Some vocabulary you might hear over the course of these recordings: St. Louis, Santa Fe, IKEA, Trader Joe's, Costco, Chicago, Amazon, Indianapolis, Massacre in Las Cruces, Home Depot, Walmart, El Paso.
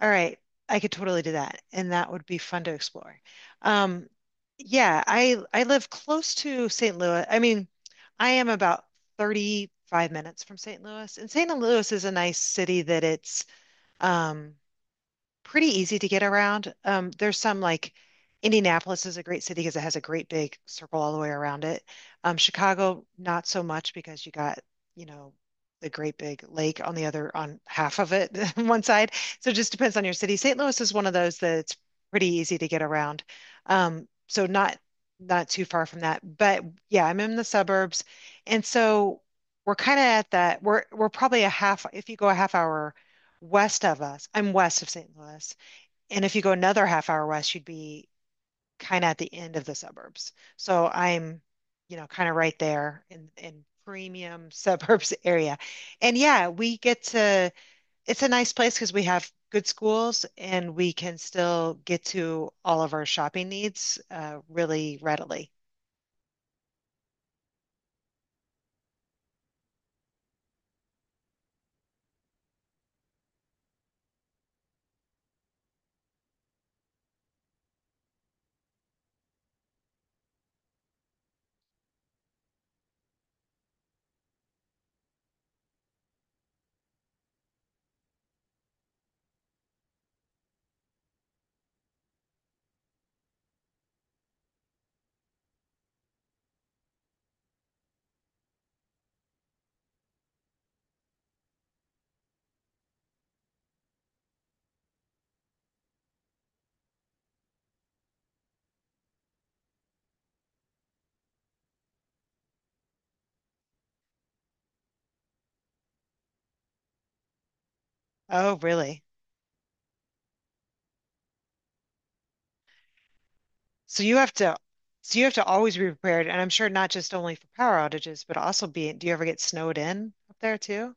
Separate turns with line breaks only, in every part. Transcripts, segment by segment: All right, I could totally do that, and that would be fun to explore. Um, yeah, I live close to St. Louis. I mean, I am about 35 minutes from St. Louis, and St. Louis is a nice city that it's um, pretty easy to get around. There's some like Indianapolis is a great city because it has a great big circle all the way around it. Chicago, not so much because you got, you know, the great big lake on on half of it, one side. So it just depends on your city. St. Louis is one of those that it's pretty easy to get around. So not too far from that. But yeah, I'm in the suburbs. And so we're kind of at that. We're probably if you go a half hour west of us. I'm west of St. Louis. And if you go another half hour west, you'd be kind of at the end of the suburbs. So I'm, kind of right there in premium suburbs area. And yeah, we get to it's a nice place because we have good schools and we can still get to all of our shopping needs, really readily. Oh, really? So you have to so you have to always be prepared, and I'm sure not just only for power outages, but also do you ever get snowed in up there too?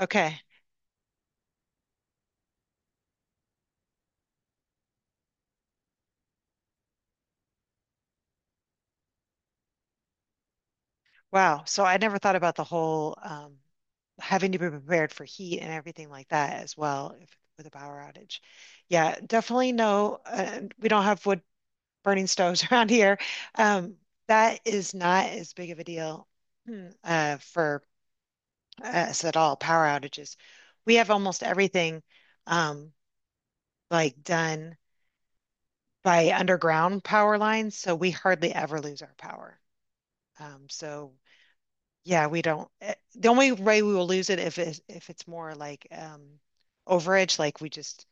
Okay. Wow. So I never thought about the whole having to be prepared for heat and everything like that as well if, with a power outage. Yeah, definitely no. We don't have wood burning stoves around here. Um, that is not as big of a deal, for us at all, power outages. We have almost everything um, like done by underground power lines, so we hardly ever lose our power. Um, so Yeah, we don't. The only way we will lose it if it's more like overage, like we just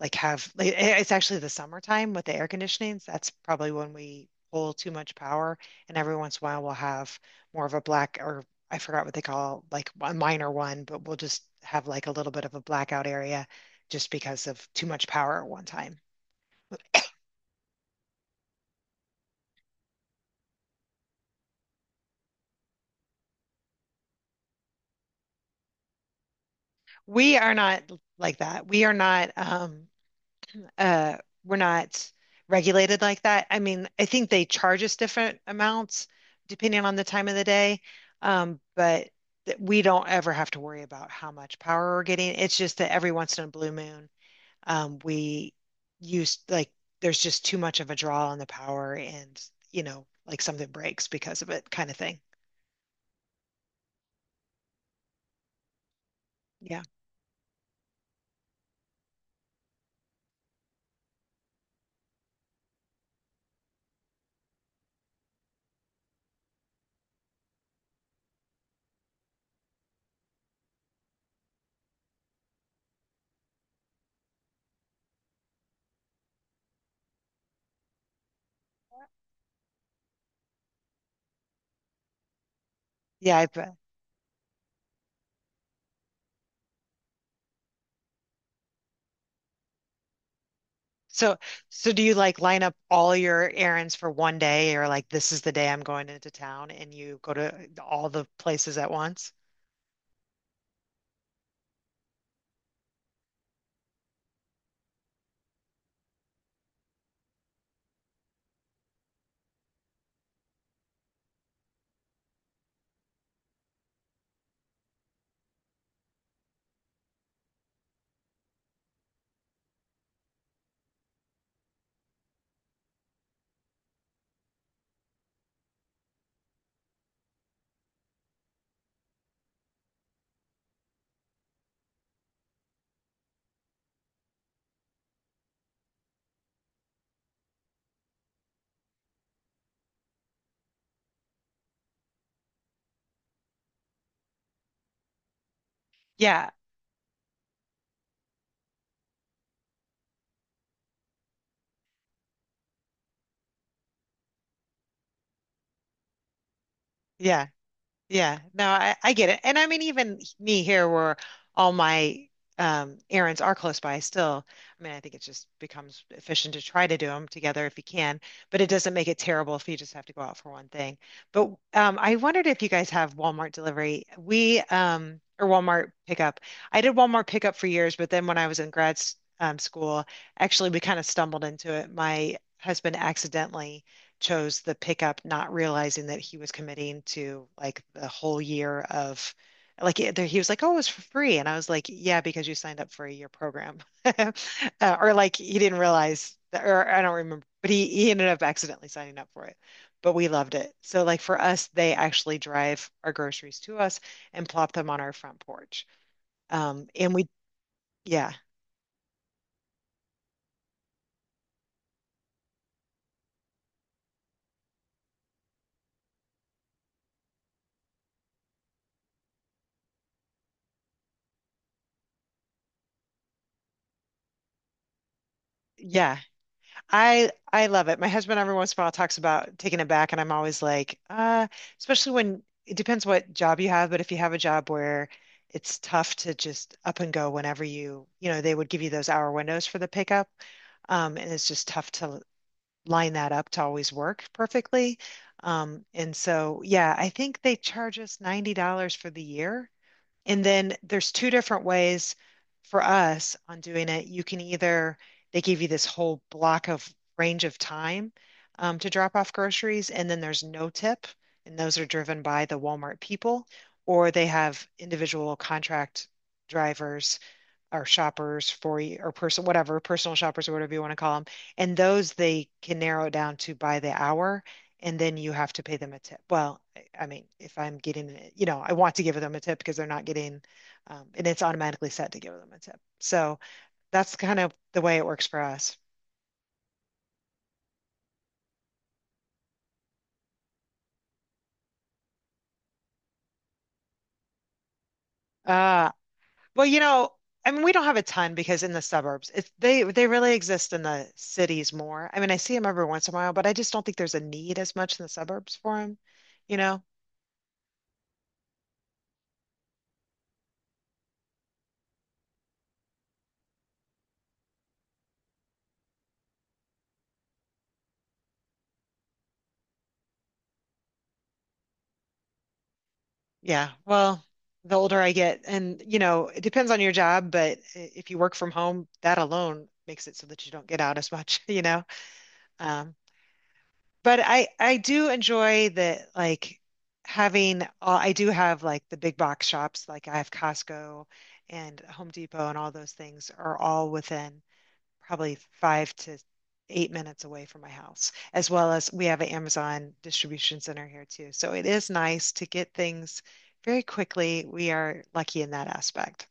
like have like, eh, it's actually the summertime with the air conditionings. That's probably when we pull too much power, and every once in a while we'll have more of a black or I forgot what they call like a minor one, but we'll just have like a little bit of a blackout area just because of too much power at one time. We are not like that. We are not. Uh we're not regulated like that. I mean, I think they charge us different amounts depending on the time of the day. But we don't ever have to worry about how much power we're getting. It's just that every once in a blue moon, we use like there's just too much of a draw on the power and, like something breaks because of it kind of thing. Yeah. Yeah, I've so, do you like line up all your errands for one day or like this is the day I'm going into town and you go to all the places at once? Yeah. Yeah. Yeah, no, I get it. And I mean, even me here, where all my errands are close by still, I mean, I think it just becomes efficient to try to do them together if you can, but it doesn't make it terrible if you just have to go out for one thing. But I wondered if you guys have Walmart delivery. Or Walmart pickup. I did Walmart pickup for years, but then when I was in grad school, actually, we kind of stumbled into it. My husband accidentally chose the pickup, not realizing that he was committing to like the whole year of like it, he was like, "Oh, it was for free," and I was like, "Yeah, because you signed up for a year program," uh, or like he didn't realize, that, or I don't remember, but he ended up accidentally signing up for it. But we loved it. So like for us, they actually drive our groceries to us and plop them on our front porch. Um, and we, yeah, yeah. I love it. My husband every once in a while talks about taking it back, and I'm always like, especially when it depends what job you have, but if you have a job where it's tough to just up and go whenever they would give you those hour windows for the pickup, and it's just tough to line that up to always work perfectly. And so, yeah, I think they charge us $90 for the year. And then there's two different ways for us on doing it. They give you this whole block of range of time to drop off groceries, and then there's no tip, and those are driven by the Walmart people, or they have individual contract drivers or shoppers for you or person whatever personal shoppers or whatever you want to call them. And those they can narrow it down to by the hour, and then you have to pay them a tip. Well, I mean, if I'm getting it, I want to give them a tip because they're not getting, and it's automatically set to give them a tip, so that's kind of the way it works for us uh well, I mean we don't have a ton because in the suburbs it's they really exist in the cities more. I mean, I see them every once in a while, but I just don't think there's a need as much in the suburbs for them you know Yeah. Well, the older I get, and it depends on your job, but if you work from home, that alone makes it so that you don't get out as much, Um, but I do enjoy the like I do have like the big box shops, like I have Costco and Home Depot and all those things are all within probably 5 to 8 minutes away from my house, as well as we have an Amazon distribution center here too. So it is nice to get things very quickly. We are lucky in that aspect.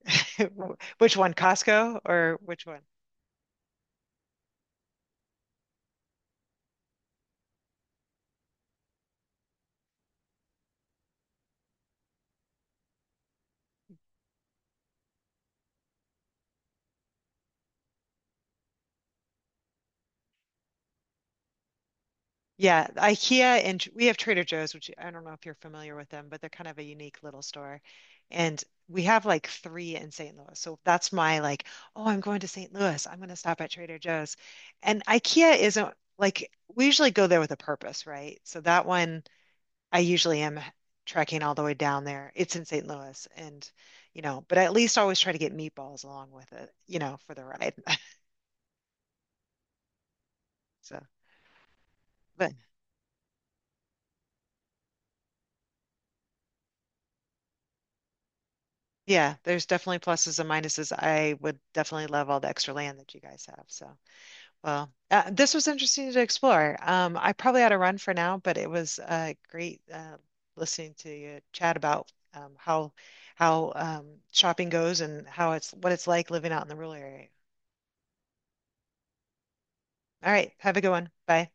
Which one, Costco or which one? Yeah, IKEA and we have Trader Joe's, which I don't know if you're familiar with them, but they're kind of a unique little store. And we have like three in St. Louis. So that's my like, oh, I'm going to St. Louis. I'm going to stop at Trader Joe's. And IKEA isn't like we usually go there with a purpose, right? So that one I usually am trekking all the way down there. It's in St. Louis, and but I at least always try to get meatballs along with it, for the ride. So, but yeah, there's definitely pluses and minuses. I would definitely love all the extra land that you guys have. So, well, this was interesting to explore. I probably ought to run for now, but it was great listening to you chat about how shopping goes and how it's what it's like living out in the rural area. All right, have a good one. Bye.